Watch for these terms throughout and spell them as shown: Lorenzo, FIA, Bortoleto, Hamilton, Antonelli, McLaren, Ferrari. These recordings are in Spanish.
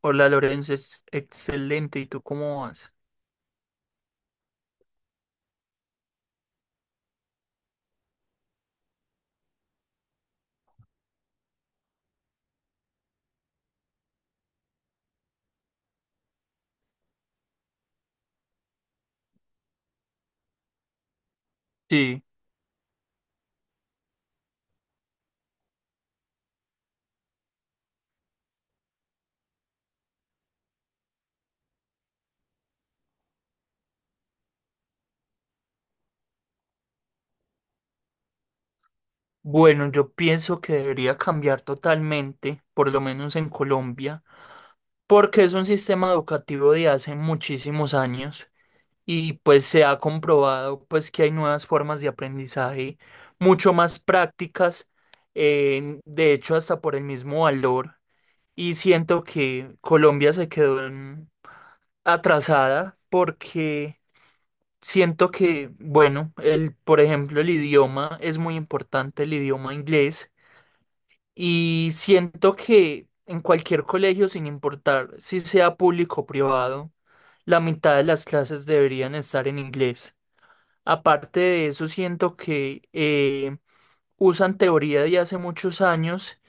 Hola Lorenzo, es excelente. ¿Y tú cómo vas? Sí. Bueno, yo pienso que debería cambiar totalmente, por lo menos en Colombia, porque es un sistema educativo de hace muchísimos años y pues se ha comprobado pues que hay nuevas formas de aprendizaje mucho más prácticas, de hecho hasta por el mismo valor y siento que Colombia se quedó en- atrasada porque siento que, bueno, el, por ejemplo, el idioma es muy importante, el idioma inglés, y siento que en cualquier colegio, sin importar si sea público o privado, la mitad de las clases deberían estar en inglés. Aparte de eso, siento que usan teoría de hace muchos años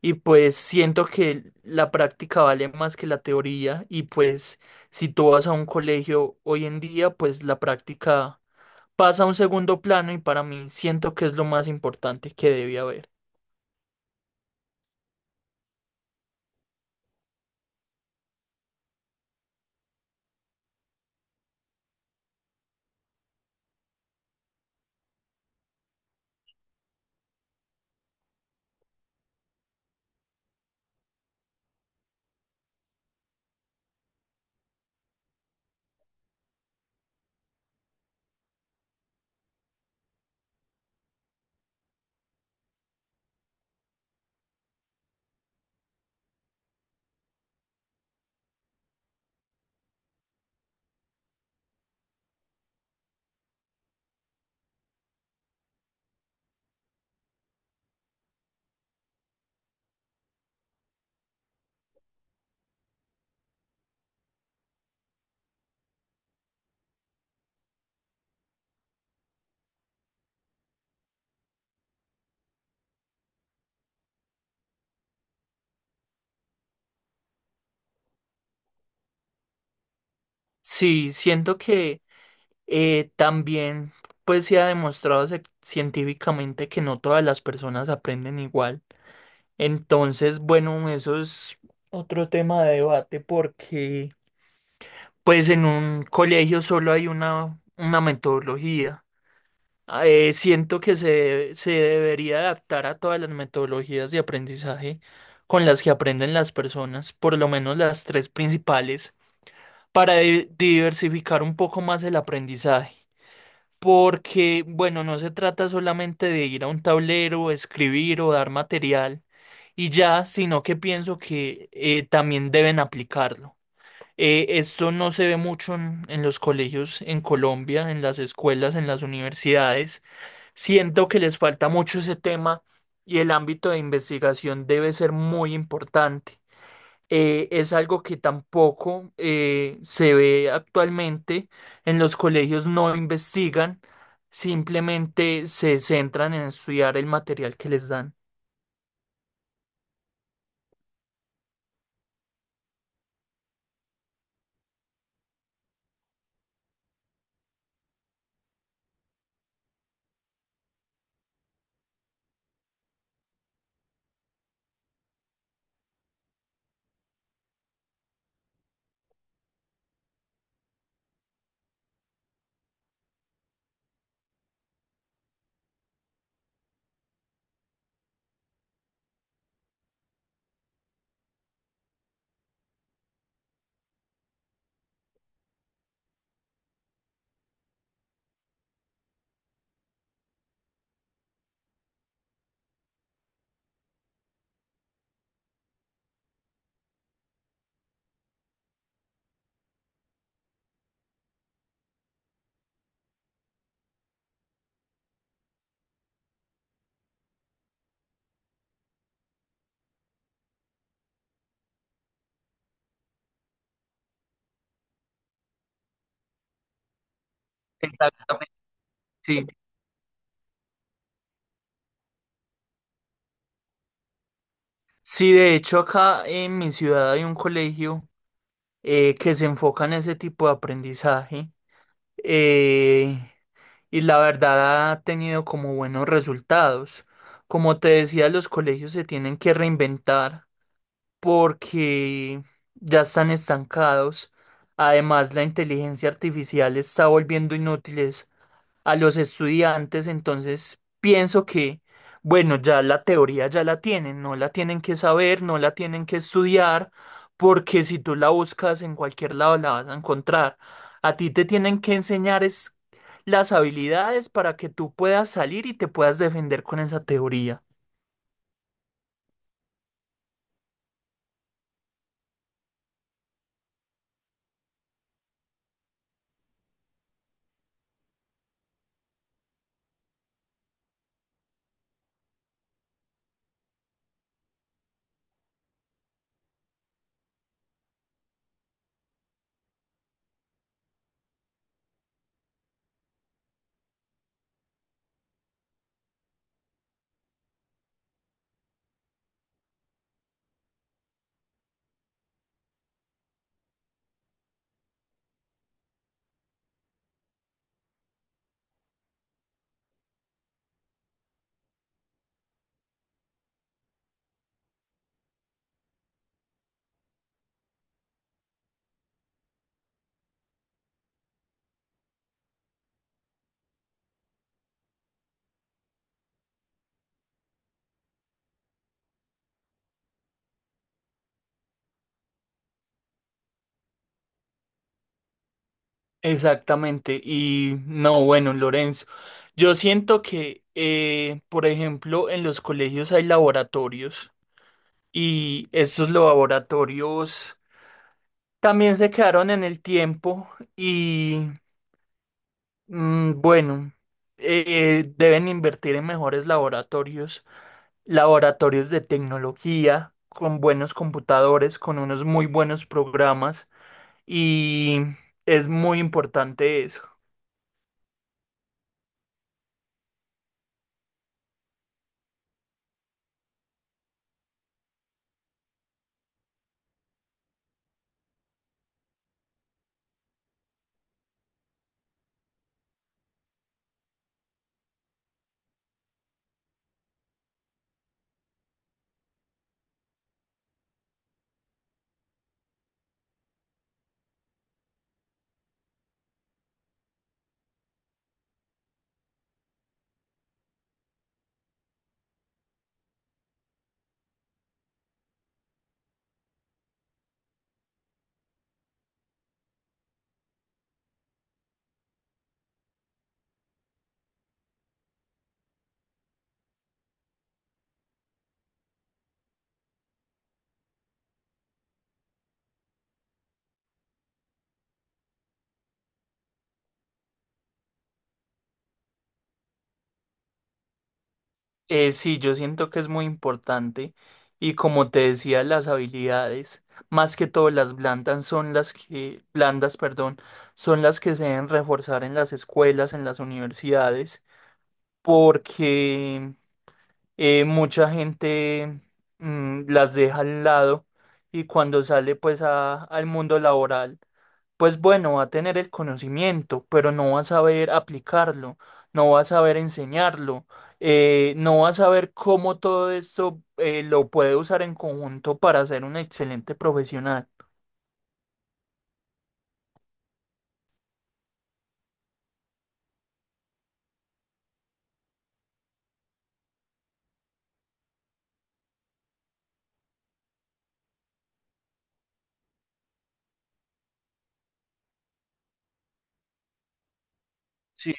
y pues siento que la práctica vale más que la teoría y pues si tú vas a un colegio hoy en día, pues la práctica pasa a un segundo plano y para mí siento que es lo más importante que debe haber. Sí, siento que también pues se ha demostrado científicamente que no todas las personas aprenden igual. Entonces, bueno, eso es otro tema de debate porque pues en un colegio solo hay una metodología. Siento que se debería adaptar a todas las metodologías de aprendizaje con las que aprenden las personas, por lo menos las tres principales, para diversificar un poco más el aprendizaje. Porque, bueno, no se trata solamente de ir a un tablero, escribir o dar material y ya, sino que pienso que también deben aplicarlo. Esto no se ve mucho en los colegios en Colombia, en las escuelas, en las universidades. Siento que les falta mucho ese tema y el ámbito de investigación debe ser muy importante. Es algo que tampoco se ve actualmente. En los colegios no investigan, simplemente se centran en estudiar el material que les dan. Exactamente. Sí, sí, de hecho acá en mi ciudad hay un colegio que se enfoca en ese tipo de aprendizaje, eh, y la verdad ha tenido como buenos resultados. Como te decía, los colegios se tienen que reinventar porque ya están estancados. Además, la inteligencia artificial está volviendo inútiles a los estudiantes, entonces pienso que, bueno, ya la teoría ya la tienen, no la tienen que saber, no la tienen que estudiar, porque si tú la buscas en cualquier lado la vas a encontrar. A ti te tienen que enseñar es las habilidades para que tú puedas salir y te puedas defender con esa teoría. Exactamente. Y no, bueno, Lorenzo, yo siento que, por ejemplo, en los colegios hay laboratorios y estos laboratorios también se quedaron en el tiempo y, bueno, deben invertir en mejores laboratorios, laboratorios de tecnología, con buenos computadores, con unos muy buenos programas, y es muy importante eso. Sí, yo siento que es muy importante y como te decía, las habilidades, más que todo las blandas son las que, blandas, perdón, son las que se deben reforzar en las escuelas, en las universidades porque mucha gente, las deja al lado y cuando sale pues al mundo laboral, pues bueno, va a tener el conocimiento, pero no va a saber aplicarlo, no va a saber enseñarlo, no va a saber cómo todo esto lo puede usar en conjunto para ser un excelente profesional. Sí.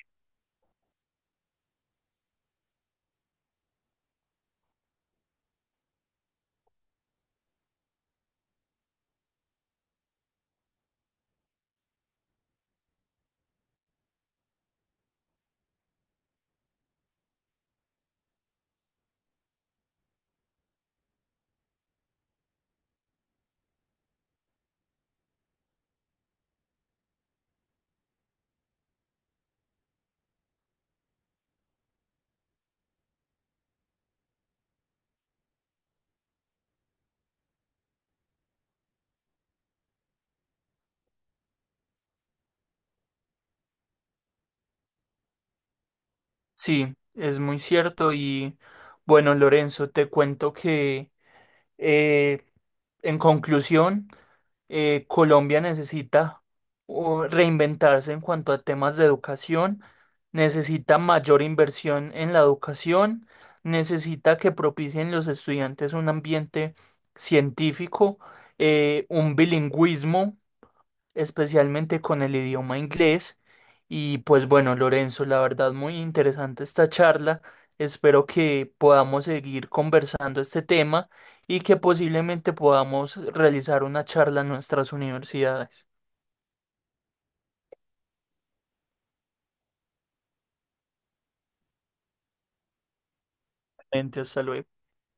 Sí, es muy cierto y bueno, Lorenzo, te cuento que eh, en conclusión, Colombia necesita o reinventarse en cuanto a temas de educación, necesita mayor inversión en la educación, necesita que propicien los estudiantes un ambiente científico, un bilingüismo especialmente con el idioma inglés. Y pues bueno, Lorenzo, la verdad muy interesante esta charla. Espero que podamos seguir conversando este tema y que posiblemente podamos realizar una charla en nuestras universidades. Hasta luego.